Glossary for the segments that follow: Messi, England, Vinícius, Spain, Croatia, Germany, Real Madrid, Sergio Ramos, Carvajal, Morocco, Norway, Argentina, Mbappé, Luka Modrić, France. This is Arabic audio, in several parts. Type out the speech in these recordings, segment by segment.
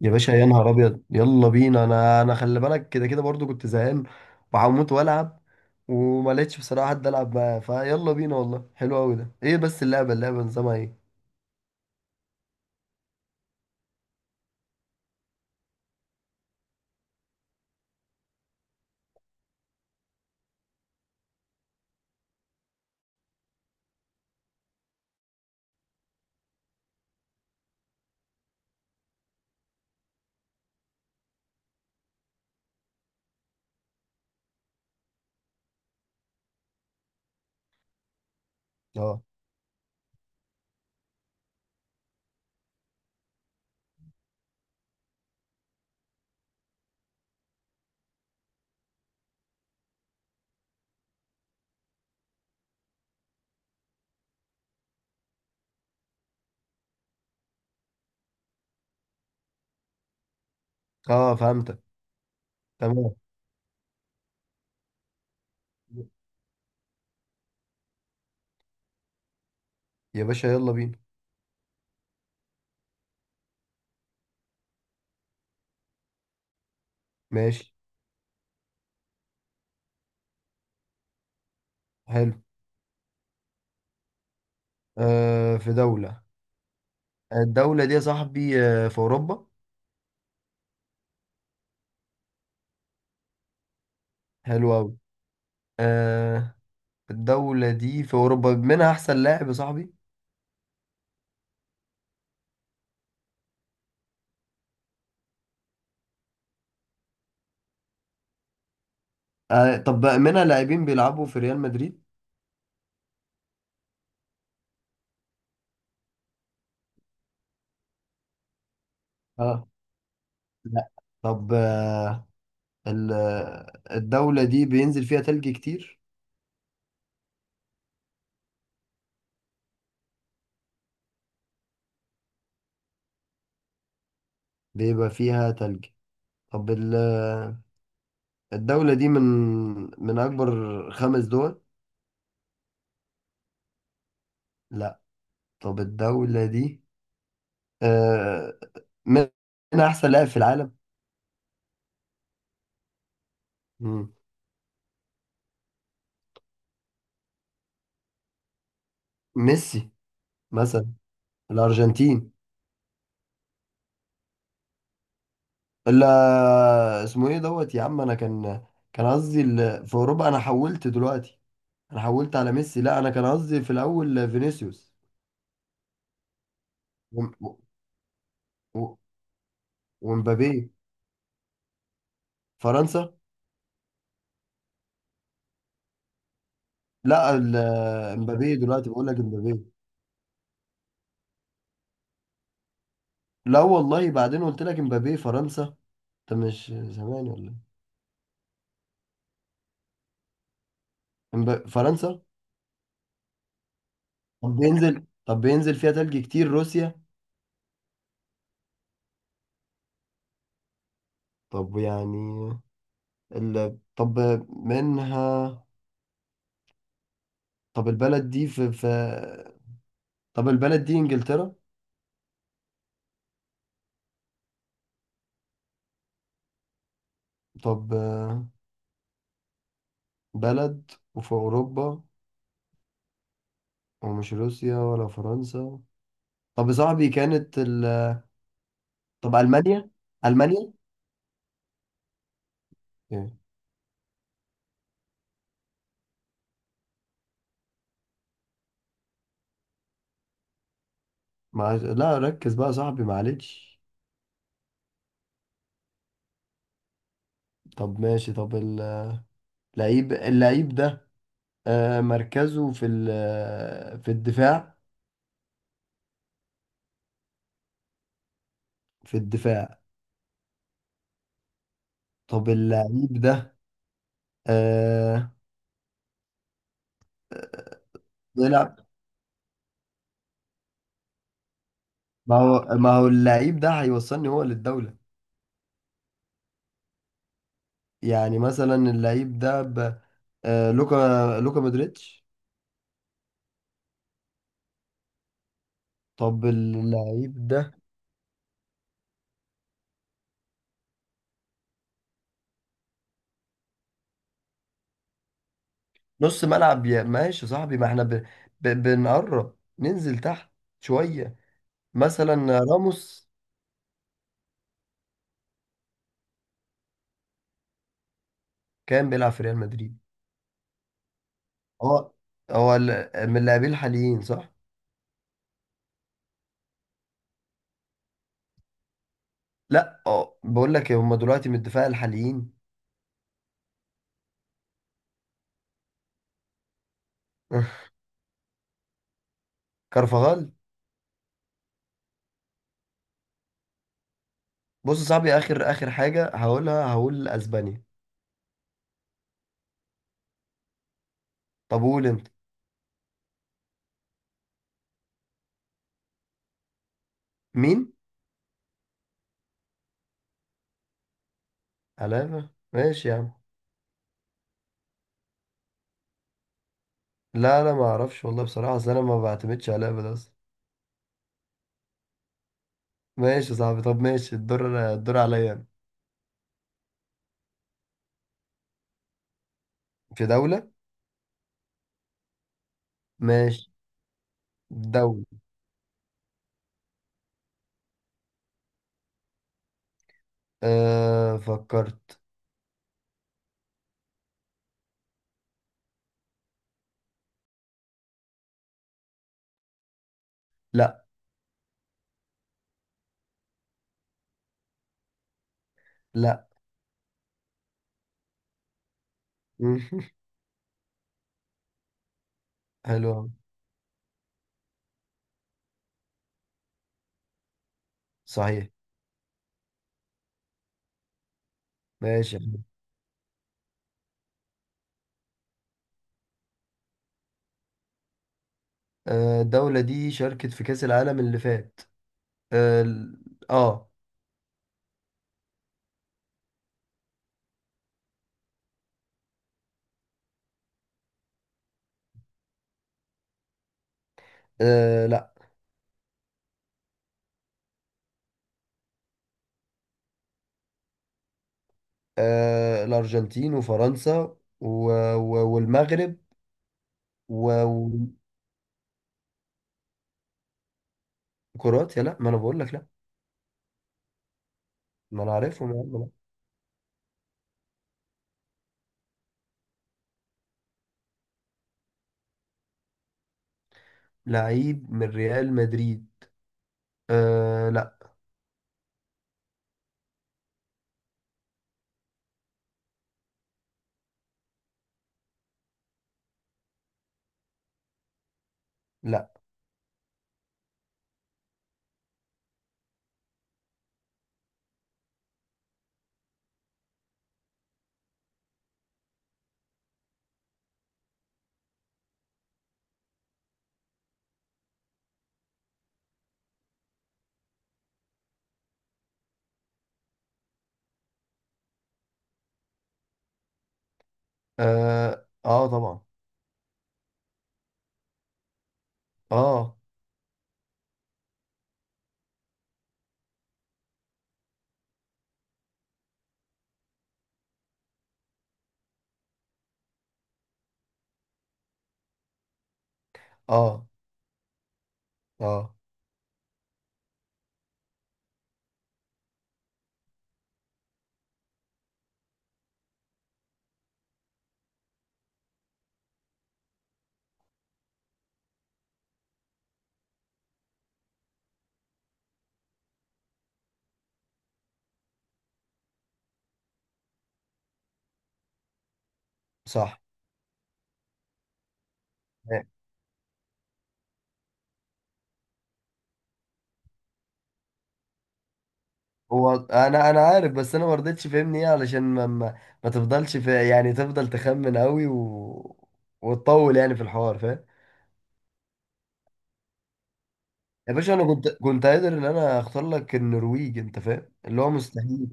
يا باشا، يا نهار ابيض، يلا بينا. انا خلي بالك، كده كده برضو كنت زهقان وهموت والعب. وما لقيتش بصراحه حد العب معاه. فيلا بينا والله، حلو قوي ده. ايه بس اللعبه نظامها ايه؟ اه اه، فهمتك. تمام. يا باشا يلا بينا. ماشي. حلو. في دوله. الدوله دي يا صاحبي، في اوروبا. حلو قوي. آه الدوله دي في اوروبا منها احسن لاعب يا صاحبي. طب منها لاعبين بيلعبوا في ريال مدريد. اه. لا. طب ال- الدولة دي بينزل فيها تلج كتير. بيبقى فيها تلج. طب الدولة دي من من أكبر خمس دول. لا. طب الدولة دي، آه، من من أحسن لاعب في العالم. مم. ميسي مثلا. الأرجنتين. لا، اسمه إيه دوت يا عم، أنا كان قصدي في أوروبا. أنا حولت دلوقتي، أنا حولت على ميسي. لا، أنا كان قصدي في الأول فينيسيوس وم- و- و- ومبابي. فرنسا. لا امبابي دلوقتي بقول لك، امبابي. لا والله بعدين قلت لك امبابي فرنسا. انت مش زمان ولا إيه؟ فرنسا. طب بينزل، فيها تلج كتير، روسيا. طب يعني ال... طب منها طب البلد دي في, في طب البلد دي انجلترا. طب بلد وفي اوروبا ومش روسيا ولا فرنسا. طب يا صاحبي كانت طب المانيا. المانيا إيه؟ لا، ركز بقى يا صاحبي، معلش. طب ماشي. طب اللعيب ده مركزه في في الدفاع. في الدفاع. طب اللعيب ده آه، بيلعب. ما هو اللعيب ده هيوصلني هو للدولة. يعني مثلا اللعيب ده ب... آه، لوكا مودريتش. طب اللعيب ده نص ملعب يا، ماشي يا صاحبي. ما احنا بنقرب ننزل تحت شوية. مثلا راموس كان بيلعب في ريال مدريد. هو هو من اللاعبين الحاليين، صح؟ لا، اه، بقول لك إيه، هم دلوقتي من الدفاع الحاليين. كارفاغال. بص يا صاحبي، اخر اخر حاجه هقولها، هقول اسبانيا. طب قول انت. مين؟ علابة، ماشي يا عم. لا لا، ما اعرفش والله بصراحه، اصل انا ما بعتمدش علابة ده اصلا. ماشي يا صاحبي. طب ماشي. الدور عليا أنا. في دوله. ماشي. دوله. أه، فكرت. لا. لا. حلو أوي. صحيح. ماشي. الدولة دي شاركت في كأس العالم اللي فات. اه آه، لا. الأرجنتين وفرنسا والمغرب و- وكرواتيا. لا ما انا بقول لك لا. ما انا عارفهم يا عم، لا. لعيب من ريال مدريد. لا. لا. اه، آه طبعا. اه اه اه. صح. هو انا عارف بس انا ما رضيتش، فهمني ايه، علشان ما تفضلش في، يعني تفضل تخمن قوي وتطول يعني في الحوار، فاهم؟ يا باشا، انا كنت قادر ان انا اختار لك النرويج، انت فاهم اللي هو مستحيل.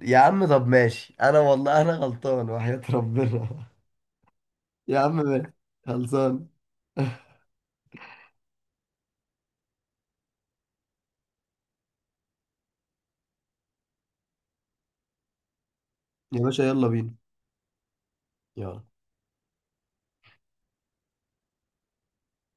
يا عم طب ماشي. انا والله انا غلطان وحياة ربنا. يا عم ماشي. خلصان. يا باشا يلا بينا. يلا.